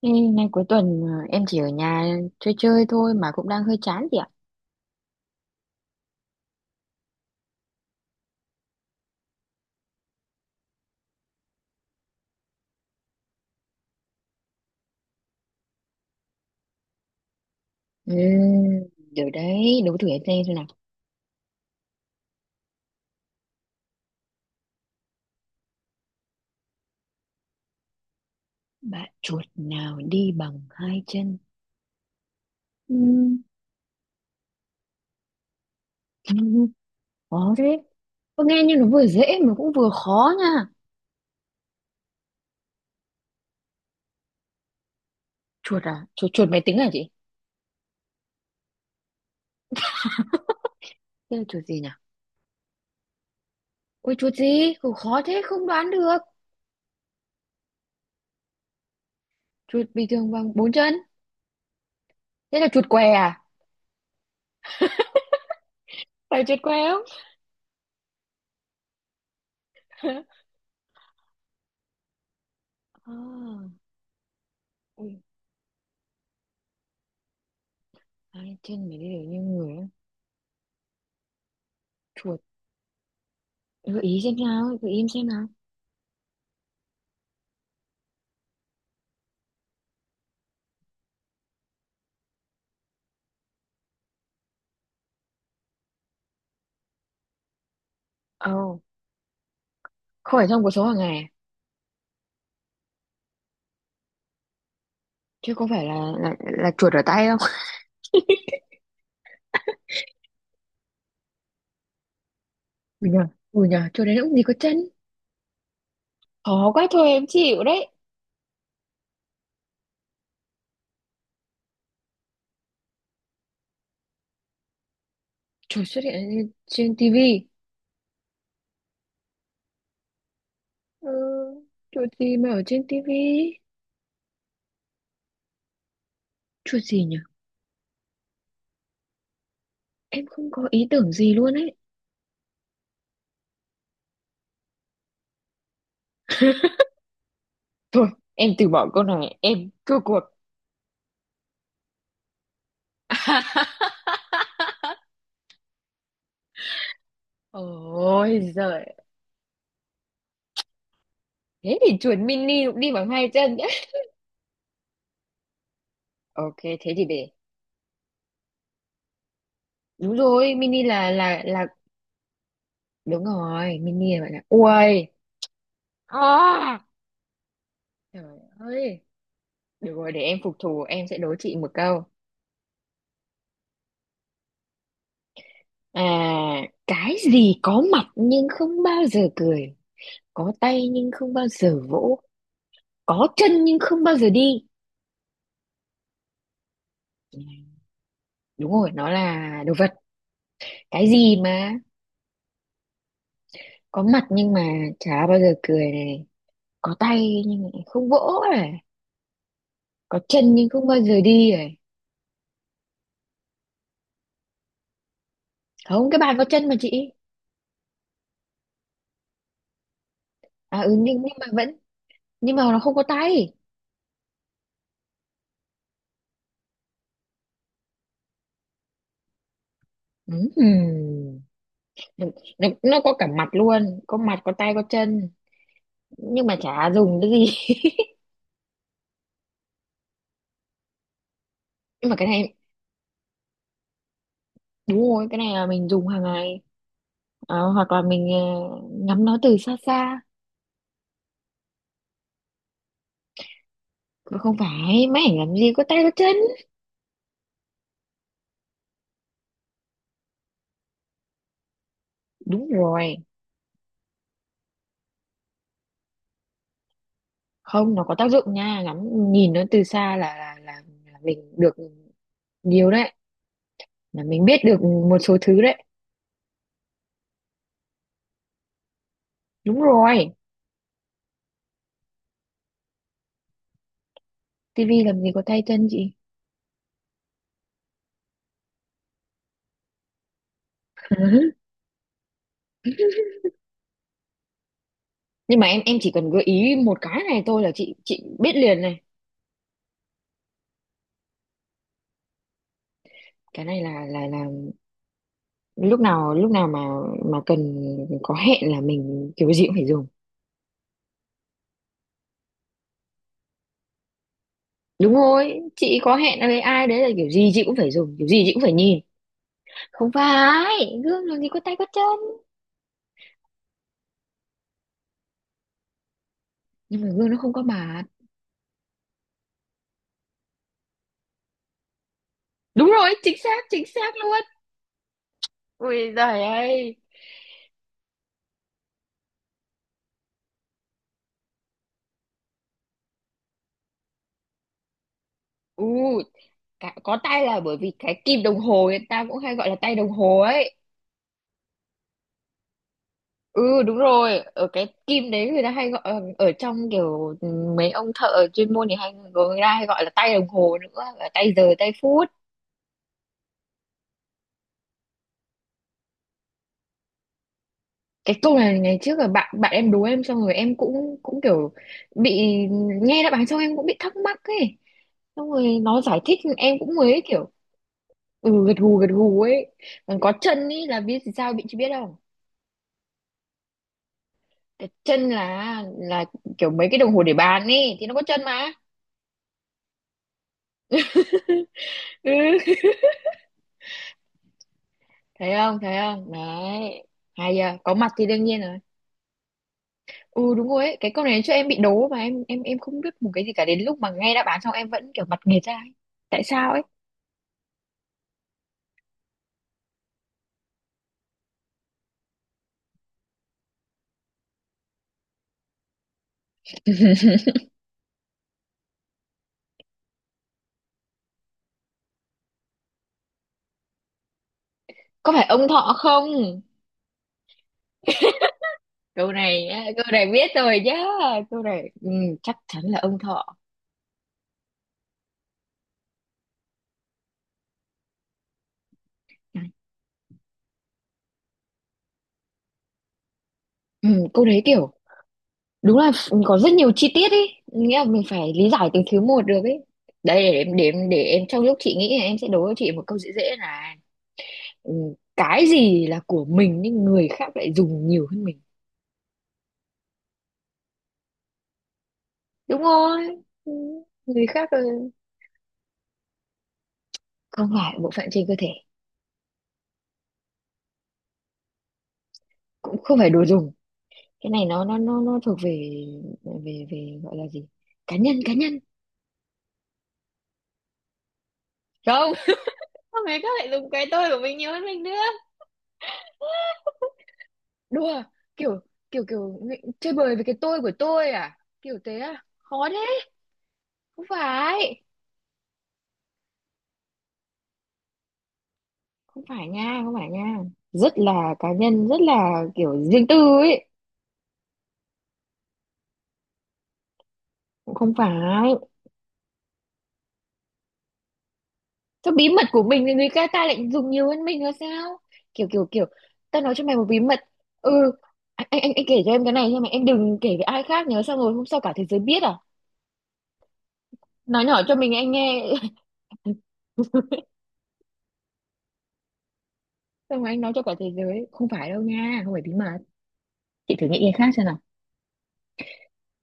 Ê, nay cuối tuần em chỉ ở nhà chơi chơi thôi mà cũng đang hơi chán chị ạ. Ừ, được đấy, đố thử em xem nào. Bạn chuột nào đi bằng hai chân? Ừ, khó thế. Có nghe như nó vừa dễ mà cũng vừa khó nha. Chuột à? Chuột chuột máy tính à chị? Thế là chuột gì nhỉ? Ôi chuột gì? Cũng khó thế không đoán được. Chuột bình thường bằng bốn chân. Thế là chuột què à? Phải chuột què không? À, ui, hai chân mà đi được như người á. Chuột. Gợi ý xem nào, gợi ý em xem nào. Ồ, không phải trong cuộc sống hàng ngày à? Chứ có phải là là chuột ở tay không? Ừ nhờ, ừ nhờ, chuột đấy nó cũng gì có chân. Khó quá thôi em chịu đấy. Chuột xuất hiện trên trên tivi. Ừ, chuột gì mà ở trên tivi? Chuột gì nhỉ? Em không có ý tưởng gì luôn ấy. Thôi, em từ bỏ câu này, em thua cuộc. Ôi giời, thế thì chuột mini cũng đi bằng hai chân nhé. Ok, thế thì để. Đúng rồi, mini là đúng rồi, mini là bạn là. Ui. À! Trời ơi, được rồi để em phục thù em sẽ đố chị một câu. À, cái gì có mặt nhưng không bao giờ cười, có tay nhưng không bao giờ vỗ, có chân nhưng không bao giờ đi. Đúng rồi, nó là đồ vật. Cái gì mà có mặt nhưng mà chả bao giờ cười này, có tay nhưng mà không vỗ này, có chân nhưng không bao giờ đi này. Không, cái bàn có chân mà chị. À ừ nhưng mà vẫn nhưng mà nó không có tay. Ừm. nó, nó có cả mặt luôn, có mặt có tay có chân nhưng mà chả dùng cái gì. Nhưng mà cái này đúng rồi, cái này là mình dùng hàng ngày. Hoặc là mình ngắm nó từ xa xa. Mà không phải máy ảnh làm gì có tay có chân. Đúng rồi, không, nó có tác dụng nha, ngắm nhìn nó từ xa là mình được nhiều đấy, là mình biết được một số thứ đấy. Đúng rồi, tivi làm gì có tay chân chị. Nhưng mà em chỉ cần gợi ý một cái này thôi là chị biết liền này. Cái này là lúc nào mà cần có hẹn là mình kiểu gì cũng phải dùng. Đúng rồi, chị có hẹn với ai đấy là kiểu gì chị cũng phải dùng, kiểu gì chị cũng phải nhìn. Không phải gương làm gì có tay có chân. Nhưng mà gương nó không có mặt. Đúng rồi, chính xác luôn. Ui giời ơi. U. Có tay là bởi vì cái kim đồng hồ người ta cũng hay gọi là tay đồng hồ ấy. Ừ đúng rồi, ở cái kim đấy người ta hay gọi ở trong kiểu mấy ông thợ chuyên môn thì hay, người ta hay gọi là tay đồng hồ nữa, là tay giờ tay phút. Cái câu này ngày trước là bạn bạn em đố em, xong rồi em cũng cũng kiểu bị nghe đáp án xong em cũng bị thắc mắc ấy. Xong rồi nó giải thích em cũng mới kiểu ừ gật gù ấy. Còn có chân ấy là biết sao bị, chị biết không? Cái chân là kiểu mấy cái đồng hồ để bàn ấy thì nó có chân mà. Ừ. Thấy không thấy không đấy, hay giờ có mặt thì đương nhiên rồi. Ừ đúng rồi ấy, cái câu này cho em bị đố mà em không biết một cái gì cả, đến lúc mà nghe đáp án xong em vẫn kiểu mặt nghệt ra ấy. Tại sao ấy. Có phải ông Thọ không? Câu này nhá, câu này biết rồi nhá. Câu này chắc chắn là ông Thọ. Này, ừ, câu đấy kiểu đúng là có rất nhiều chi tiết ấy, nghĩa là mình phải lý giải từng thứ một được ấy. Đây để em trong lúc chị nghĩ là em sẽ đố cho chị một câu dễ dễ này. Ừ, cái gì là của mình nhưng người khác lại dùng nhiều hơn mình. Đúng rồi. Ừ, người khác không phải bộ phận trên cơ thể, cũng không phải đồ dùng. Cái này nó thuộc về về về gọi là gì, cá nhân cá nhân. Không. Sao người khác lại dùng cái tôi của mình nhiều hơn mình nữa? Đùa. Kiểu kiểu kiểu chơi bời với cái tôi của tôi à, kiểu thế à, khó đấy. Không phải, không phải nha, không phải nha. Rất là cá nhân, rất là kiểu riêng tư ấy. Cũng không phải. Thôi bí mật của mình thì người ta ta lại dùng nhiều hơn mình là sao? Kiểu kiểu kiểu ta nói cho mày một bí mật. Ừ, anh kể cho em cái này nhưng mà em đừng kể với ai khác nhớ, xong rồi hôm sau cả thế giới biết à? Nói nhỏ cho mình anh nghe. Xong rồi anh nói cho cả thế giới. Không phải đâu nha, không phải bí mật. Chị thử nghĩ cái khác xem nào.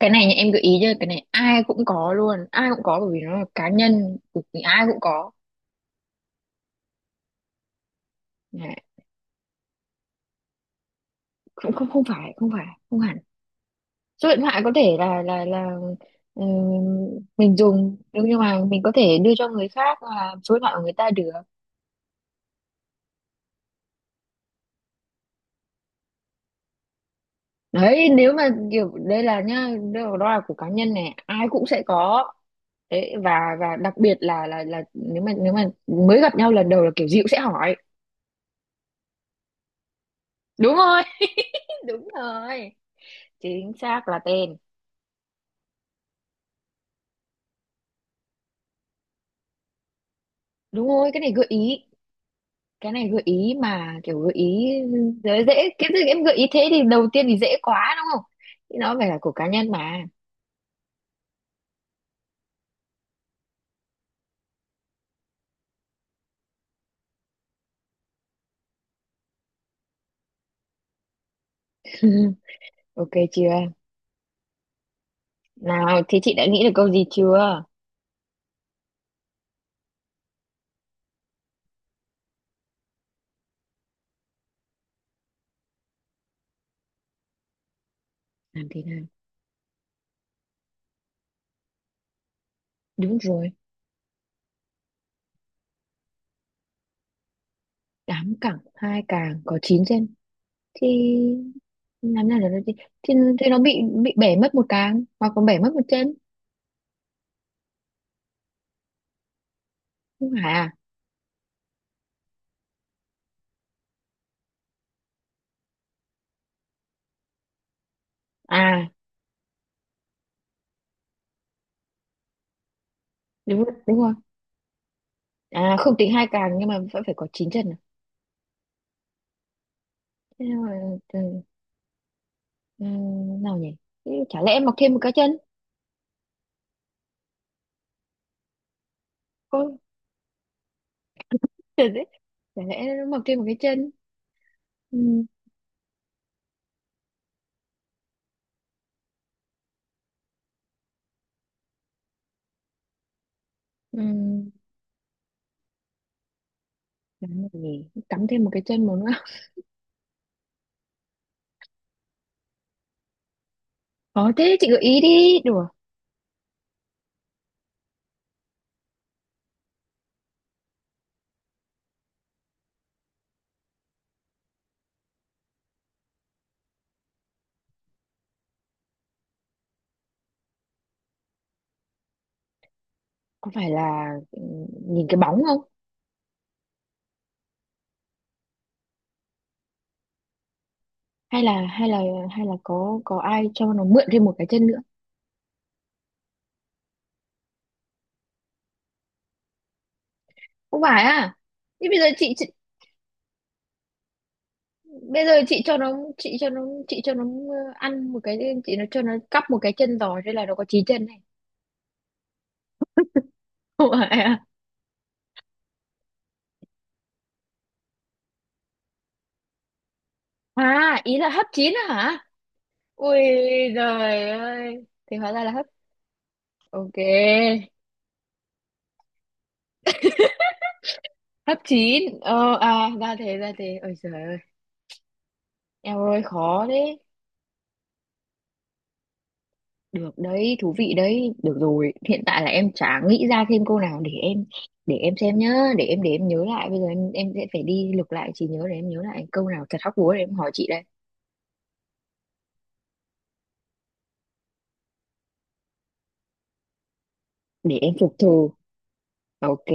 Cái này nha, em gợi ý cho cái này ai cũng có luôn, ai cũng có bởi vì nó là cá nhân, ai cũng có. Nè, không không không phải, không phải, không hẳn. Số điện thoại có thể là ừ, mình dùng nhưng mà mình có thể đưa cho người khác hoặc là số điện thoại của người ta được. Đấy, nếu mà kiểu đây là nhá, đây đó là của cá nhân này ai cũng sẽ có. Đấy và đặc biệt là nếu mà mới gặp nhau lần đầu là kiểu gì cũng sẽ hỏi. Đúng rồi. Đúng rồi, chính xác là tên. Đúng rồi, cái này gợi ý, cái này gợi ý mà kiểu gợi ý dễ dễ cái gì, em gợi ý thế thì đầu tiên thì dễ quá đúng không, thì nó phải là của cá nhân mà. Ừ, ok chưa? Nào, thế chị đã nghĩ được câu gì chưa? Làm thế nào? Đúng rồi, 8 cẳng, hai càng có 9 chân thì làm nào được, thì, thì nó bị bể mất một càng hoặc còn bể mất một chân, không phải à? À, đúng rồi, đúng rồi. À không tính hai càng nhưng mà vẫn phải có 9 chân à? Thế nào, ừ, ừ, nào nhỉ? Thế chả lẽ mọc thêm một cái chân? Ôi, trời đấy. Chả lẽ nó mọc thêm một cái chân? Ừ, ừ. Làm gì? Cắm thêm một cái chân một nữa. Có thế chị gợi ý đi, đùa. Có phải là nhìn cái bóng không? Hay là hay là hay là có ai cho nó mượn thêm một cái chân nữa? Không phải à. Thế bây giờ chị bây giờ chị cho nó ăn một cái, chị nó cho nó cắp một cái chân giò thế là nó có chín chân này. Không phải à. À ý là hấp chín à hả. Ui giời ơi, thì hóa ra là hấp. Ok. Hấp chín, à ra thế, ra thế, ôi trời ơi. Em ơi khó thế. Được đấy, thú vị đấy. Được rồi, hiện tại là em chả nghĩ ra thêm câu nào để em xem nhá, để em nhớ lại. Bây giờ em sẽ phải đi lục lại trí nhớ để em nhớ lại câu nào thật hóc búa để em hỏi chị đây. Để em phục thù. Ok.